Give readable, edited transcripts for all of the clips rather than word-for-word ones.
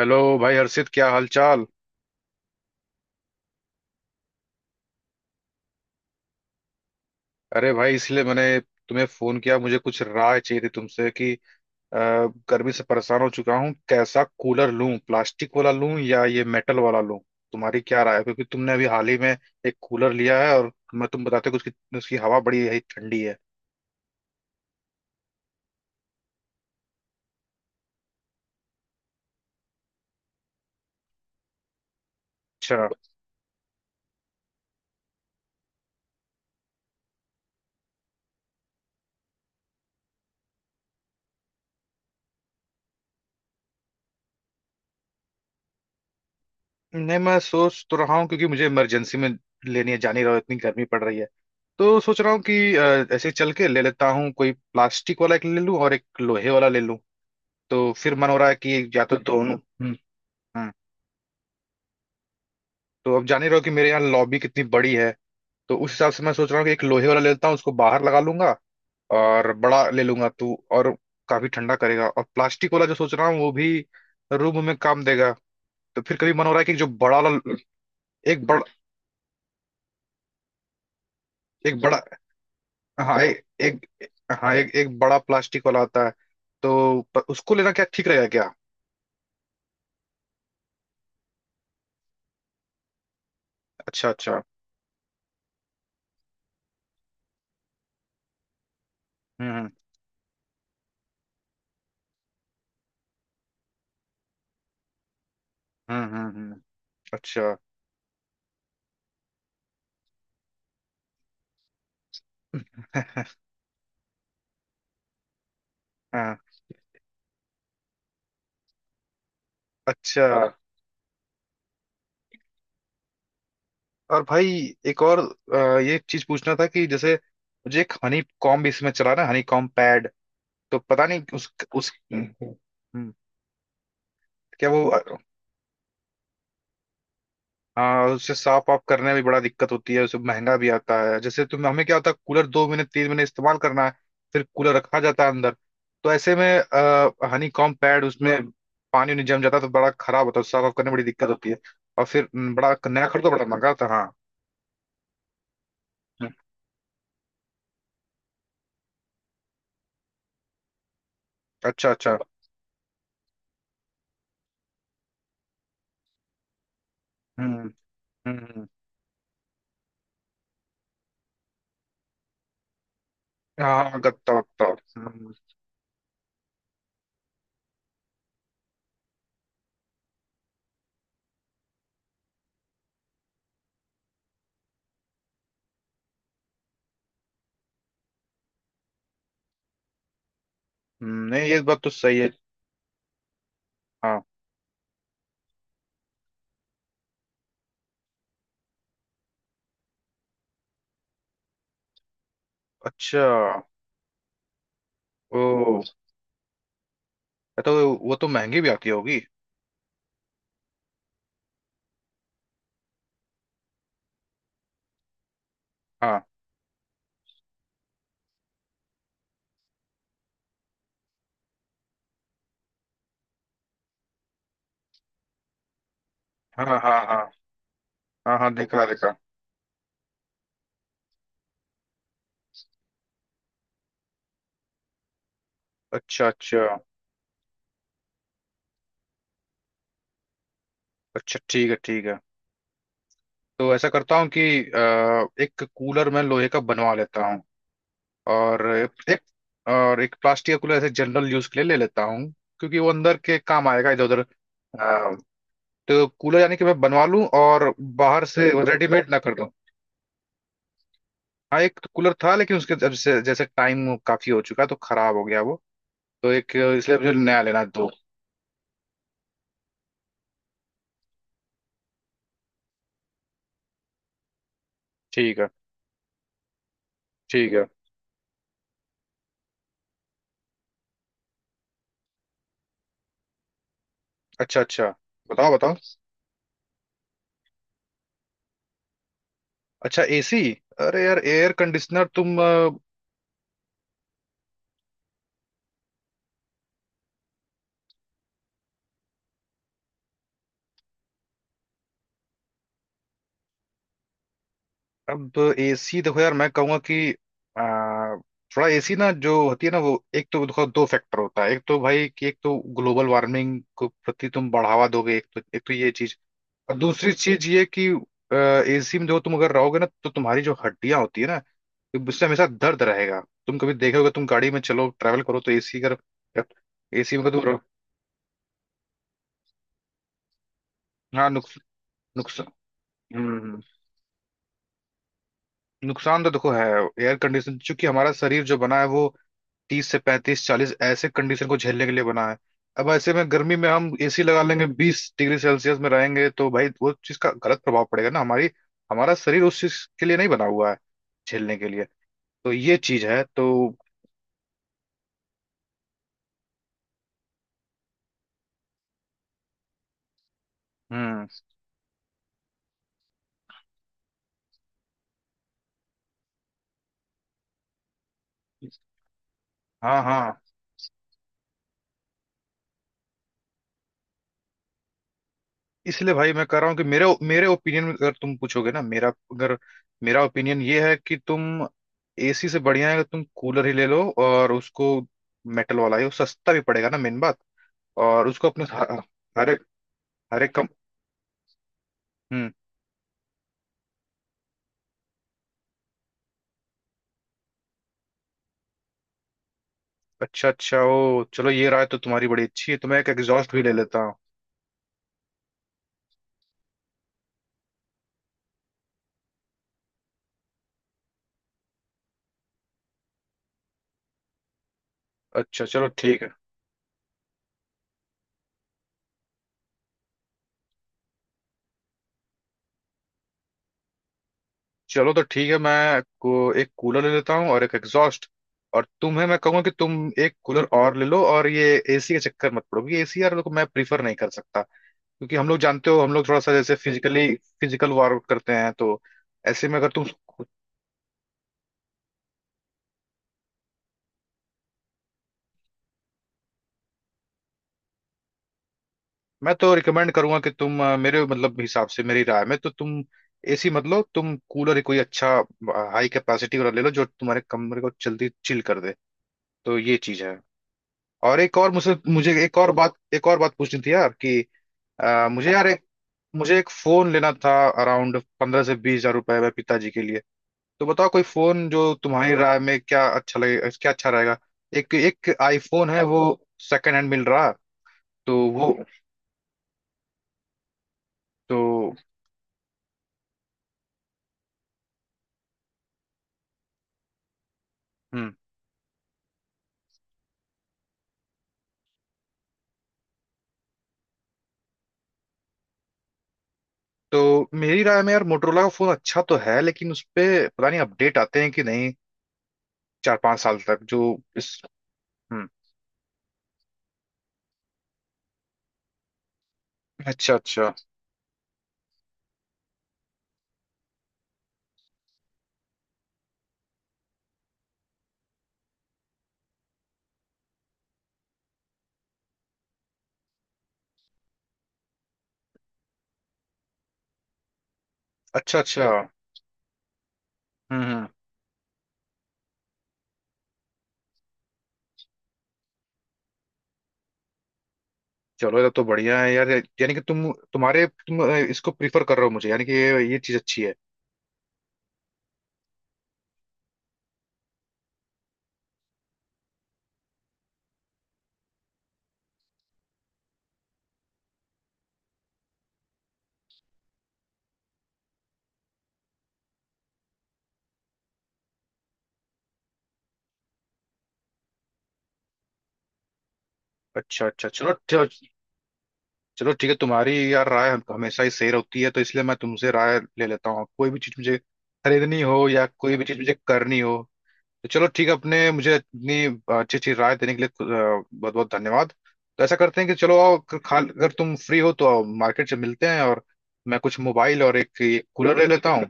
Hello भाई हर्षित, क्या हाल चाल। अरे भाई, इसलिए मैंने तुम्हें फोन किया। मुझे कुछ राय चाहिए थी तुमसे कि गर्मी से परेशान हो चुका हूँ। कैसा कूलर लूं, प्लास्टिक वाला लूं या ये मेटल वाला लूं? तुम्हारी क्या राय है? क्योंकि तुमने अभी हाल ही में एक कूलर लिया है और मैं तुम बताते हो कि उसकी उसकी हवा बड़ी है, ठंडी है। अच्छा। नहीं, मैं सोच तो रहा हूँ क्योंकि मुझे इमरजेंसी में लेनी है। जानी रहो इतनी गर्मी पड़ रही है। तो सोच रहा हूँ कि ऐसे चल के ले लेता हूँ। कोई प्लास्टिक वाला एक ले लूँ और एक लोहे वाला ले लूँ। तो फिर मन हो रहा है कि या तो दोनों। हाँ। तो अब जान ही रहो कि मेरे यहाँ लॉबी कितनी बड़ी है। तो उस हिसाब से मैं सोच रहा हूँ कि एक लोहे वाला ले लेता हूँ, उसको बाहर लगा लूंगा और बड़ा ले लूंगा तू, और काफी ठंडा करेगा। और प्लास्टिक वाला जो सोच रहा हूँ वो भी रूम में काम देगा। तो फिर कभी मन हो रहा है कि जो बड़ा वाला एक बड़ा एक बड़ा, हाँ एक, हाँ एक एक बड़ा प्लास्टिक वाला आता है। तो उसको लेना क्या ठीक रहेगा क्या? अच्छा अच्छा। हम्म हम्म हम्म हम्म, हम्म। अच्छा। हाँ। अच्छा। और भाई, एक और ये चीज पूछना था कि जैसे मुझे एक हनी कॉम्ब, इसमें चला ना हनी कॉम्ब पैड। तो पता नहीं उस। क्या वो हाँ, उससे साफ ऑफ करने में भी बड़ा दिक्कत होती है। उसे महंगा भी आता है। जैसे तुम हमें क्या होता है, कूलर 2 महीने 3 महीने इस्तेमाल करना है, फिर कूलर रखा जाता है अंदर। तो ऐसे में हनी कॉम्ब पैड उसमें पानी उनी जम जाता है तो बड़ा खराब होता है, साफ ऑफ करने में बड़ी दिक्कत होती है। और फिर बड़ा नया खरीदो, बड़ा महंगा आता है। हाँ। हम्म, अच्छा अच्छा। हम्म। हम्म। हाँ, गत्ता वत्ता। हम्म, नहीं, ये बात तो सही है। हाँ। अच्छा। ओ, ये तो, वो तो महंगी भी आती होगी। हाँ हाँ। हाँ हाँ। हाँ हाँ, देखा देखा। अच्छा अच्छा। अच्छा ठीक है, ठीक है। तो ऐसा करता हूँ कि एक कूलर मैं लोहे का बनवा लेता हूँ, और एक, और एक प्लास्टिक का कूलर ऐसे जनरल यूज के लिए ले लेता हूँ क्योंकि वो अंदर के काम आएगा, इधर उधर। अ, तो कूलर यानी कि मैं बनवा लूँ और बाहर से रेडीमेड ना कर दूँ। हाँ, एक कूलर था लेकिन उसके जब से जैसे टाइम काफी हो चुका है तो खराब हो गया वो। तो एक, इसलिए मुझे नया लेना है दो। ठीक है ठीक है। अच्छा अच्छा। बताओ बताओ। अच्छा, एसी। अरे यार एयर कंडीशनर तुम अब एसी देखो यार, मैं कहूंगा कि अ, थोड़ा एसी ना जो होती है ना, वो एक तो देखो दो फैक्टर होता है। एक तो भाई कि एक तो ग्लोबल वार्मिंग को प्रति तुम बढ़ावा दोगे, एक तो ये चीज। और दूसरी चीज ये कि एसी में जो तुम अगर रहोगे ना तो तुम्हारी जो हड्डियां होती है ना, तो उससे हमेशा दर्द रहेगा। तुम कभी देखोगे, तुम गाड़ी में चलो, ट्रैवल करो तो एसी अगर, एसी में अगर तुम रहो। हाँ। नुक्स, हम्म, नुकसान तो देखो है। एयर कंडीशन, चूंकि हमारा शरीर जो बना है वो 30 से 35 40 ऐसे कंडीशन को झेलने के लिए बना है। अब ऐसे में गर्मी में हम एसी लगा लेंगे, 20 डिग्री सेल्सियस में रहेंगे, तो भाई वो चीज का गलत प्रभाव पड़ेगा ना हमारी। हमारा शरीर उस चीज के लिए नहीं बना हुआ है झेलने के लिए। तो ये चीज है तो। हम्म। हाँ हाँ। इसलिए भाई मैं कह रहा हूँ कि मेरे मेरे ओपिनियन में अगर तुम पूछोगे ना, मेरा अगर मेरा ओपिनियन ये है कि तुम, एसी से बढ़िया है कि तुम कूलर ही ले लो और उसको मेटल वाला ही, वो सस्ता भी पड़ेगा ना, मेन बात। और उसको अपने हर एक, हर एक कम। हम्म। अच्छा अच्छा। ओ चलो, ये राय तो तुम्हारी बड़ी अच्छी है, तो मैं एक एग्जॉस्ट भी ले लेता हूँ। अच्छा चलो ठीक है। चलो तो ठीक है, मैं को एक कूलर ले लेता हूँ और एक एग्जॉस्ट। और तुम्हें मैं कहूंगा कि तुम एक कूलर और ले लो, और ये एसी के चक्कर मत पड़ो, क्योंकि एसी यार लोग मैं प्रीफर नहीं कर सकता। क्योंकि हम लोग जानते हो, हम लोग थोड़ा सा जैसे फिजिकली, फिजिकल वर्कआउट करते हैं, तो ऐसे में अगर तुम, मैं तो रिकमेंड करूंगा कि तुम मेरे मतलब हिसाब से, मेरी राय में तो तुम एसी मत लो। तुम कूलर ही कोई अच्छा हाई कैपेसिटी वाला ले लो जो तुम्हारे कमरे को जल्दी चिल कर दे। तो ये चीज है। और एक और मुझसे, मुझे एक और बात, एक और बात पूछनी थी यार कि मुझे यार एक, मुझे एक फोन लेना था अराउंड 15 से 20 हज़ार रुपए में, पिताजी के लिए। तो बताओ कोई फोन जो तुम्हारी राय में क्या अच्छा लगे, क्या अच्छा रहेगा। एक एक आईफोन है वो, सेकंड हैंड मिल रहा, तो वो, तो। हम्म। तो मेरी राय में यार मोटरोला का फोन अच्छा तो है, लेकिन उस पे पता नहीं अपडेट आते हैं कि नहीं, 4 5 साल तक जो इस। हम्म। अच्छा अच्छा। अच्छा अच्छा। हम्म। चलो ये तो बढ़िया है यार, यानी कि तुम, तुम्हारे, तुम इसको प्रीफर कर रहे हो मुझे, यानी कि ये चीज अच्छी है। अच्छा अच्छा। चलो चलो। चलो ठीक है, तुम्हारी यार राय हमेशा ही सही होती है, तो इसलिए मैं तुमसे राय ले लेता हूँ कोई भी चीज मुझे खरीदनी हो या कोई भी चीज मुझे करनी हो। तो चलो ठीक है अपने, मुझे इतनी अच्छी अच्छी राय देने के लिए बहुत बहुत धन्यवाद। तो ऐसा करते हैं कि चलो आओ, खा अगर तुम फ्री हो तो आओ, मार्केट से मिलते हैं। और मैं कुछ मोबाइल और एक, एक कूलर ले लेता हूँ।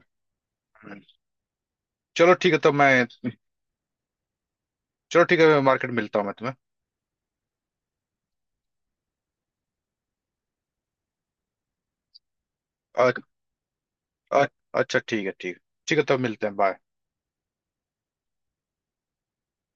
चलो ठीक है तब मैं, चलो ठीक है मैं मार्केट मिलता हूँ मैं तुम्हें। अ- अ- अच्छा ठीक है ठीक है। ठीक है तब मिलते हैं, बाय।